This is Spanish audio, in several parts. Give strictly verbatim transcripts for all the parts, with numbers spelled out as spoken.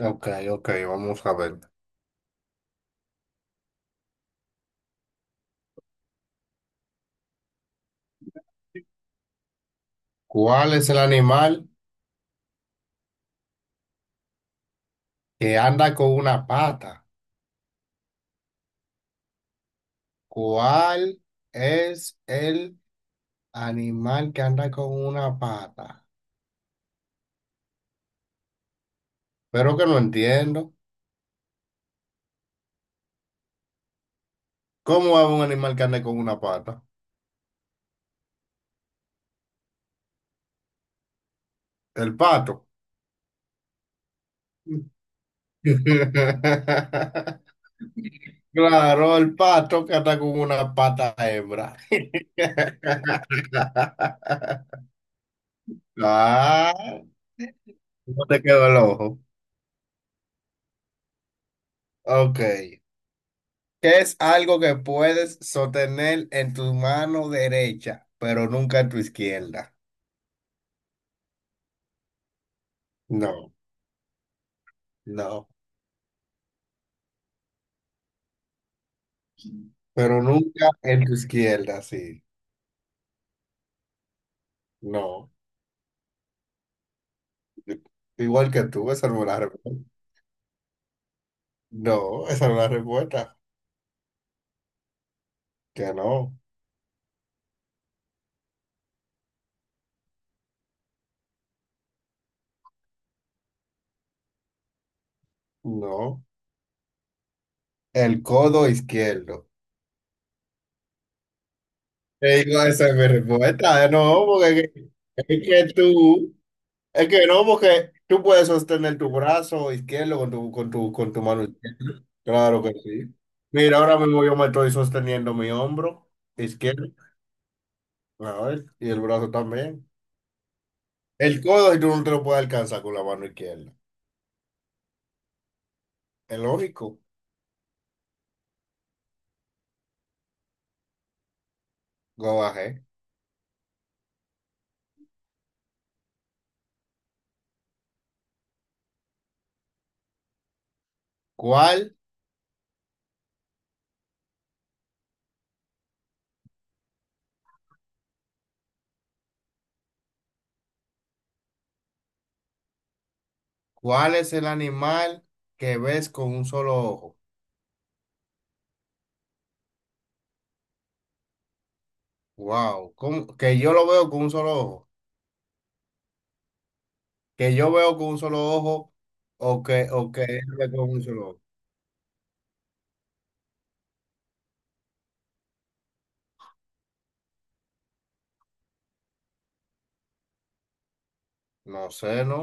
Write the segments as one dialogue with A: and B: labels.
A: Ok, ok, vamos a ver. ¿Cuál es el animal que anda con una pata? ¿Cuál es el animal que anda con una pata? Pero que no entiendo. ¿Cómo es un animal que anda con una pata? El pato. Claro, el pato que anda con una pata hembra. Ah, ¿cómo te quedó el ojo? Ok. ¿Qué es algo que puedes sostener en tu mano derecha, pero nunca en tu izquierda? No, no, pero nunca en tu izquierda, sí. No, I- igual que tú, esa no es la respuesta. No, esa no es la respuesta. Que no, no. El codo izquierdo. Te digo, esa es mi respuesta. No, porque es que es que tú. Es que no, porque tú puedes sostener tu brazo izquierdo con tu, con tu, con tu mano izquierda. Claro que sí. Mira, ahora mismo yo me estoy sosteniendo mi hombro izquierdo. A ver, y el brazo también. El codo, y tú no te lo puedes alcanzar con la mano izquierda. Es lógico. Go bajé. ¿Cuál, cuál es el animal que ves con un solo ojo? Wow. ¿Cómo? Que yo lo veo con un solo ojo. Que yo veo con un solo ojo o que, o que él ve con un solo ojo. No sé, ¿no?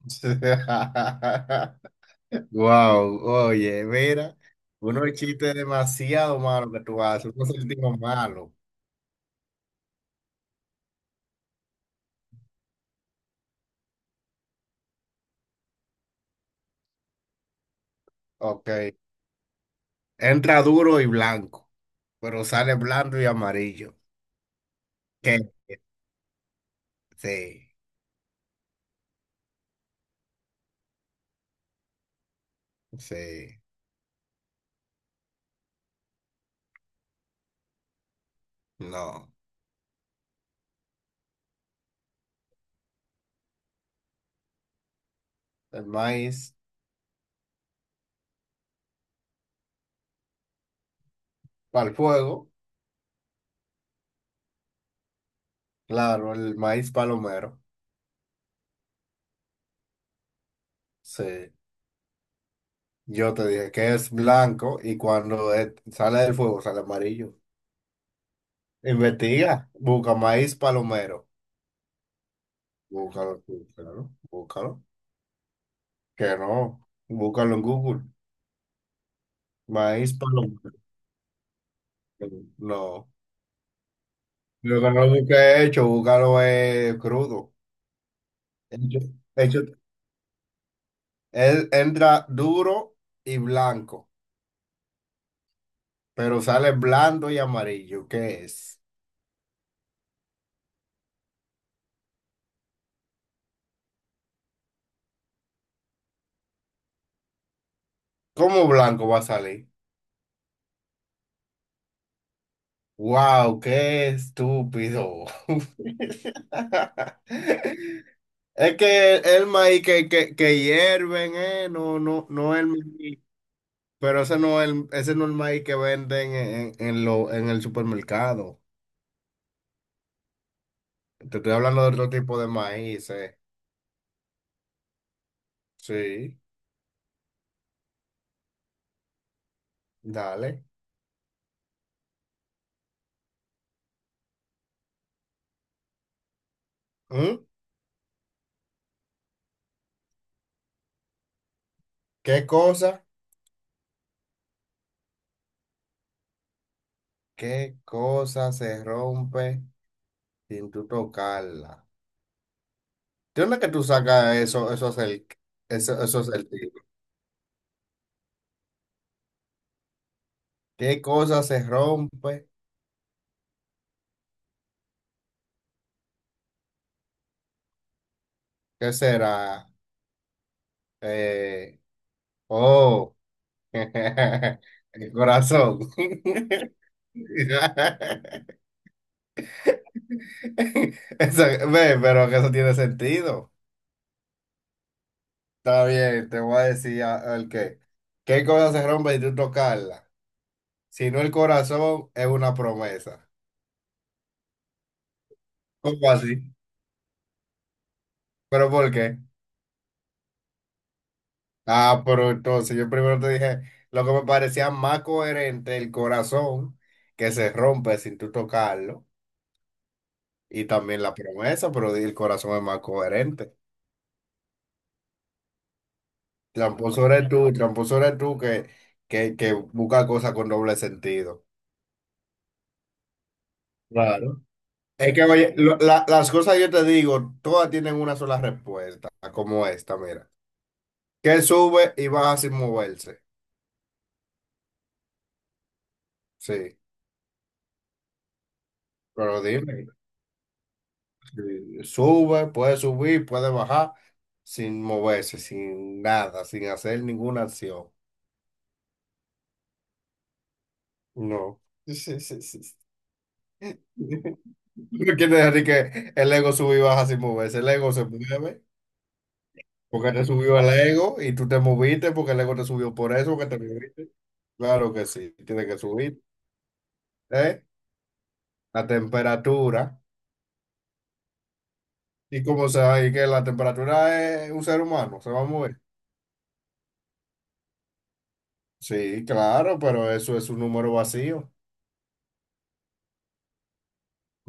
A: Wow, oye, mira, unos chistes demasiado malos que tú haces, unos sentidos malos. Ok, entra duro y blanco, pero sale blando y amarillo. ¿Qué? Sí, sí, no. El maíz para el fuego, claro, el maíz palomero. Sí, yo te dije que es blanco y cuando eh, sale del fuego sale amarillo. Investiga, busca maíz palomero. Búscalo, tú, claro, búscalo. Que no, búscalo en Google. Maíz palomero. No. Lo que no lo busqué hecho, búscalo es crudo. Hecho, hecho- Él entra duro y blanco, pero sale blando y amarillo. ¿Qué es? ¿Cómo blanco va a salir? ¡Wow! ¡Qué estúpido! Es que el, maíz que, que, que hierven, eh, no, no, no es el maíz. Pero ese no es el, ese no es el maíz que venden en, en- en lo, en el supermercado. Te estoy hablando de otro tipo de maíz, eh. Sí, dale. ¿Mm? ¿Qué cosa? ¿Qué cosa se rompe sin tú tocarla? ¿De dónde que tú sacas eso, eso es el, eso, eso es el tipo? ¿Qué cosa se rompe? ¿Qué será? Eh, oh, el corazón. Eso- ve, pero que eso tiene sentido. Está bien, te voy a decir a- el qué. ¿Qué cosa se rompe y tú tocarla? Si no el corazón, es una promesa. ¿Cómo así? ¿Pero por qué? Ah, pero entonces yo primero te dije lo que me parecía más coherente, el corazón que se rompe sin tú tocarlo y también la promesa, pero di- el corazón es más coherente. Tramposo eres tú, tramposo eres tú que, que, que busca cosas con doble sentido. Claro. Es que, oye, lo- la- las cosas yo te digo, todas tienen una sola respuesta, como esta, mira. Que sube y baja sin moverse. Sí, pero dime, si sube, puede subir, puede bajar sin moverse, sin nada, sin hacer ninguna acción. No. Sí, sí, sí. Sí. No quiere decir que el ego sube y baja sin moverse. El ego se mueve porque te subió el ego y tú te moviste porque el ego te subió por eso que te moviste. Claro que sí, tiene que subir. ¿Eh? La temperatura. ¿Y cómo se va? ¿Y que la temperatura es un ser humano? ¿Se va a mover? Sí, claro, pero eso es un número vacío.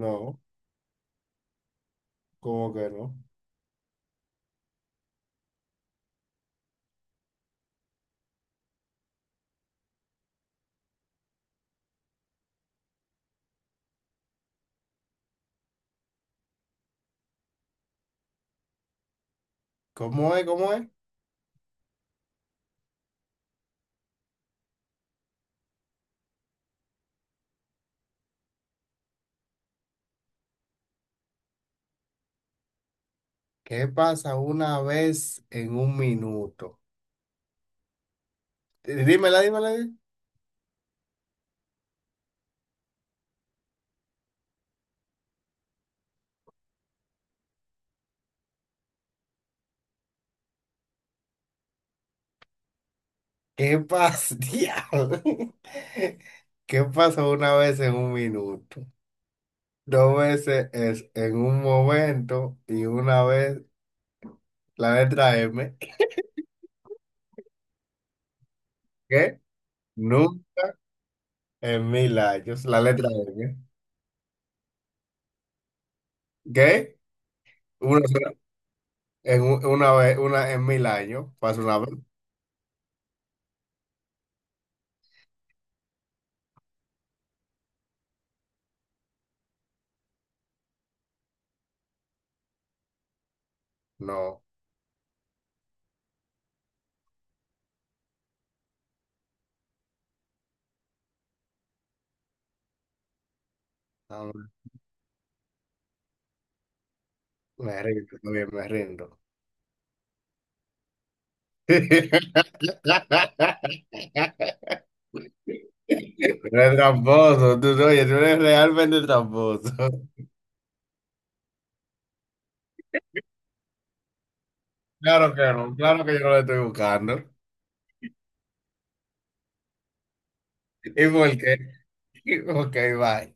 A: No, ¿cómo que no? ¿Cómo es? ¿Cómo es? ¿Qué pasa una vez en un minuto? Eh, Dímela, dímela. dí- ¿Qué pasa? Diablo. ¿Qué pasa una vez en un minuto? Dos veces es en un momento y una vez la letra M. ¿Qué? No. En mil años, la letra M. ¿Qué? Una, sola- en u- una vez, una en mil años, pasa una vez. No, no, me rindo, está bien, me rindo. Pero es tramposo, tú, oye, tú eres realmente tramposo. Claro que no, claro que yo no lo estoy buscando. ¿Y por qué? Ok, bye.